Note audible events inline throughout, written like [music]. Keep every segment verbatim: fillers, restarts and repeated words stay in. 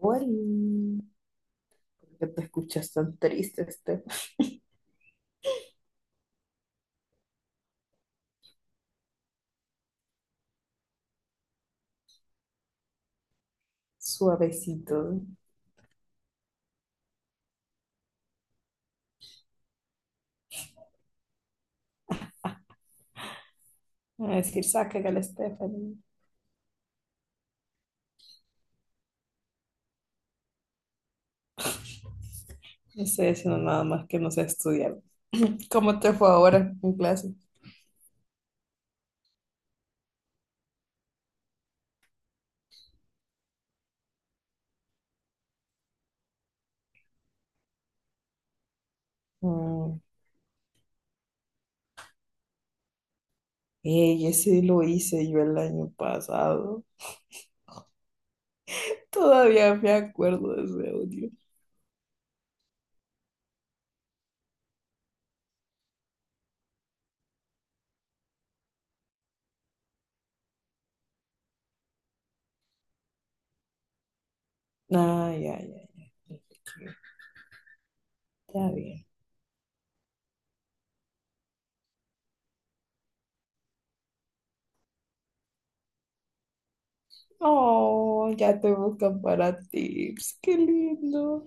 Oli, ¿por qué te escuchas tan triste, este suavecito? Van a decir, saca al Stephanie. [laughs] No estoy haciendo nada más que no sé, estudiar. ¿Cómo te fue ahora en clase? Mm, ey, ese lo hice yo el año pasado. Todavía me acuerdo de ese audio. Ah, ya, ya, ya. Está bien. Oh, ya te buscan para tips. Qué lindo.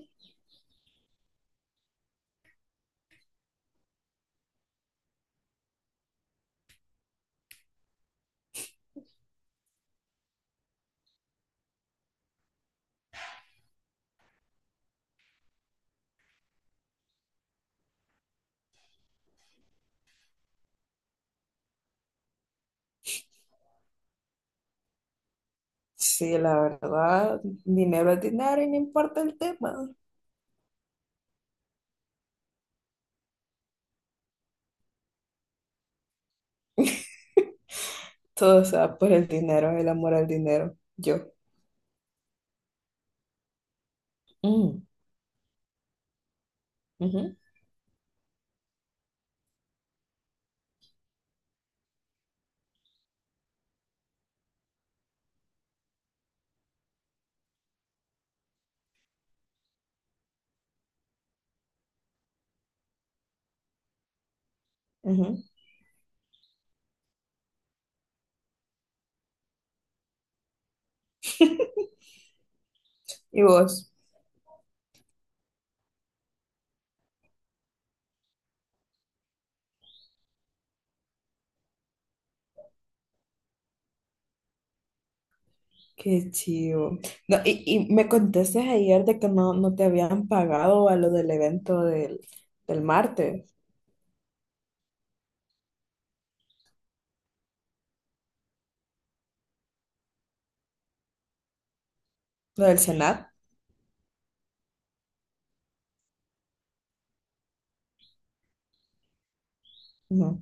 Sí, la verdad, dinero es dinero y no importa el tema. Todo se va por el dinero, el amor al dinero. Yo. Mm, ujú, ujú. ¿Y vos? Qué chido. No, y, y me contaste ayer de que no, no te habían pagado a lo del evento del, del martes, lo del Senat. Ujú.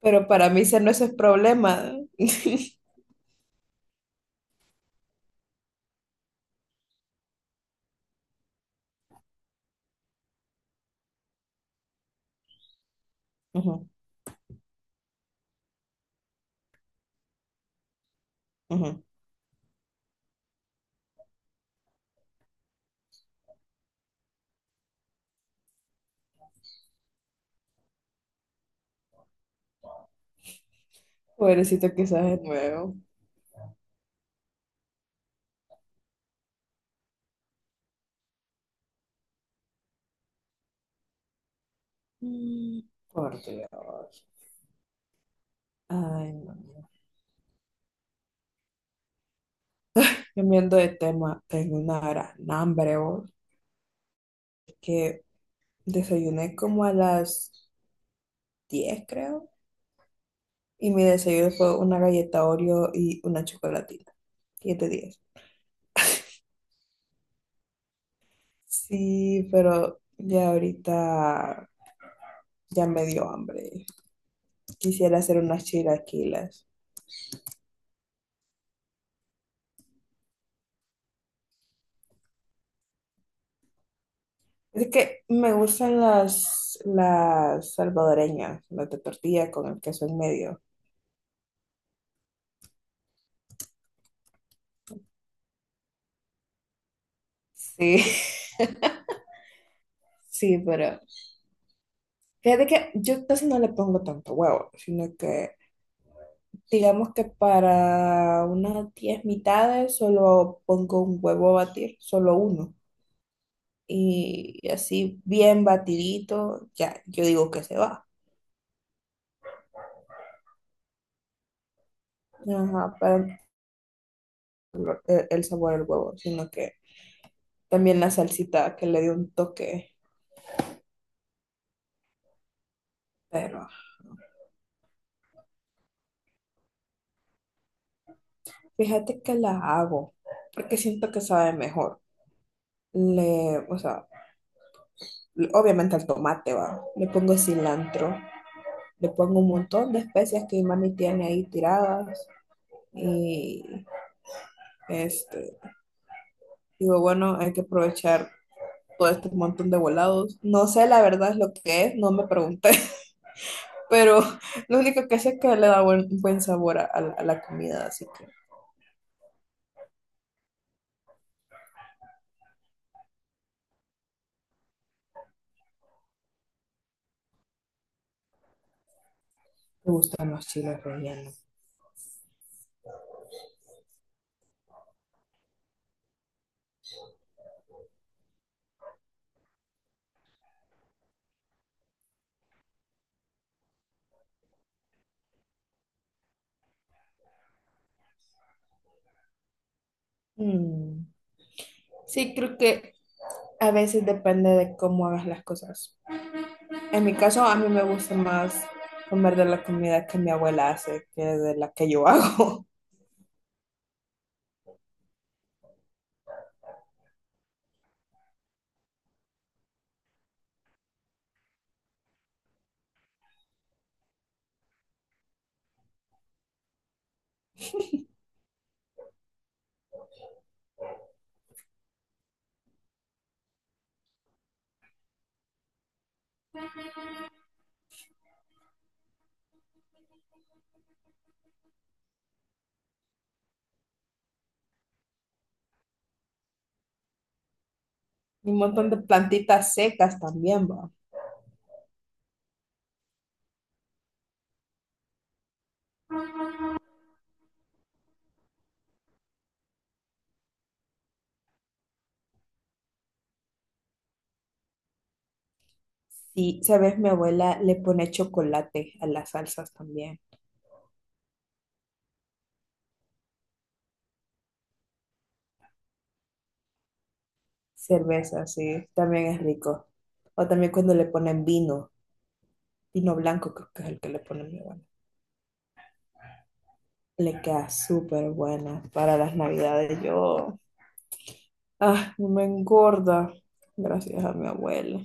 Pero para mí ese no es el problema. [laughs] Ujú, ujú. Pobrecito, quizás es nuevo. Mm, por Dios. Ay, no. Cambiando de tema, tengo una gran hambre, vos, que desayuné como a las diez creo, y mi desayuno fue una galleta Oreo y una chocolatina. Siete diez. Sí, pero ya ahorita ya me dio hambre. Quisiera hacer unas chilaquilas. Es que me gustan las, las salvadoreñas, las de tortilla con el queso en medio. Sí, [laughs] sí, pero fíjate que yo casi no le pongo tanto huevo, sino que digamos que para unas diez mitades solo pongo un huevo a batir, solo uno. Y así bien batidito, ya yo digo que se va. Ajá, para el, el sabor del huevo, sino que también la salsita que le dio un toque. Pero fíjate que la hago, porque siento que sabe mejor. Le, o sea, le- obviamente al tomate va. Le pongo cilantro, le pongo un montón de especias que mi mami tiene ahí tiradas. Este, digo, bueno, hay que aprovechar todo este montón de volados. No sé, la verdad es lo que es, no me pregunté, [laughs] pero lo único que sé es que le da buen, buen sabor a, a la, a la comida, así que me gustan los chiles rellenos. Mm. Sí, creo que a veces depende de cómo hagas las cosas. En mi caso, a mí me gusta más comer de la comida que mi abuela hace que de la que yo hago. [laughs] Y un montón de plantitas secas también, va. Sí, sabes, mi abuela le pone chocolate a las salsas también. Cerveza, sí, también es rico. O también cuando le ponen vino, vino blanco creo que es el que le pone mi abuela. Le queda súper buena para las navidades. Yo, ah, me engorda gracias a mi abuela.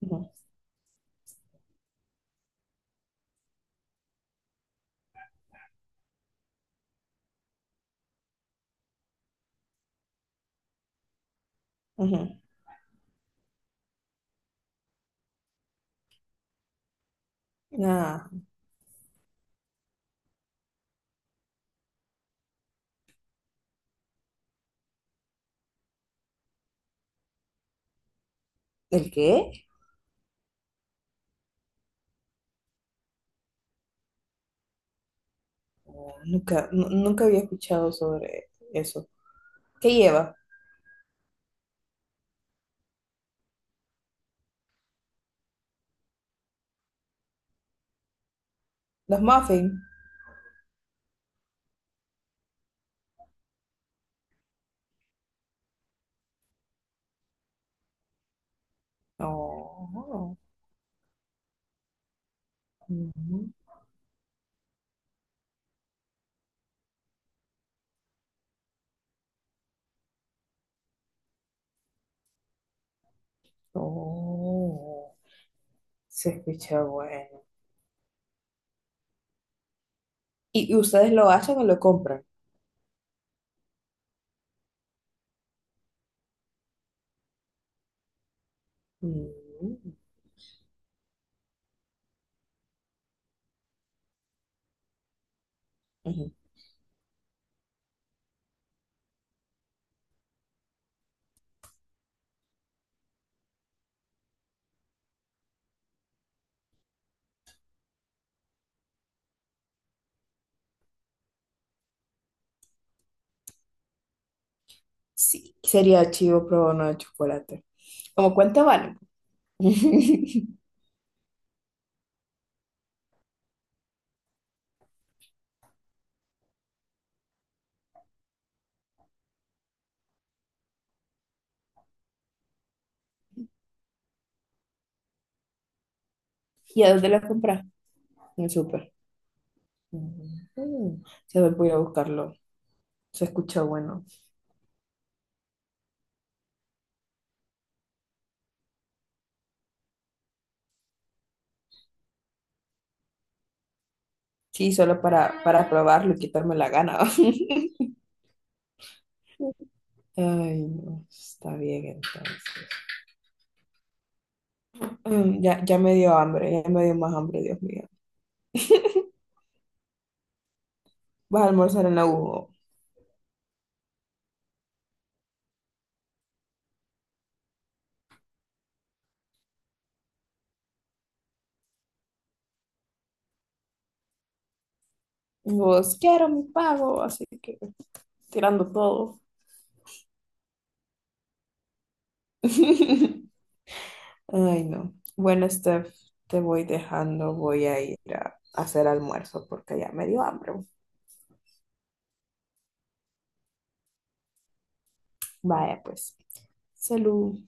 Ujú, ujú. Ah, ¿el qué? Oh, nunca, nu- nunca había escuchado sobre eso. ¿Qué lleva? ¿Los muffins? Oh, mm, oh. Se escucha bueno. ¿Y y ustedes lo hacen o lo compran? Mm, ujú. Sí, sería chivo probar uno de chocolate. ¿Cómo cuánto vale? [laughs] ¿Y a dónde lo compras? En el súper. Mm, se me voy a buscarlo. Se escucha bueno. Sí, solo para, para probarlo y quitarme la gana. [laughs] Ay, no, está bien entonces. Mm, Ya, ya me dio hambre, ya me dio más hambre, Dios mío. [laughs] ¿Vas a almorzar en la U? Vos, quiero mi pago, así que tirando todo. [laughs] Ay, no. Bueno, Steph, te voy dejando. Voy a ir a hacer almuerzo porque ya me dio hambre. Vaya, pues. Salud.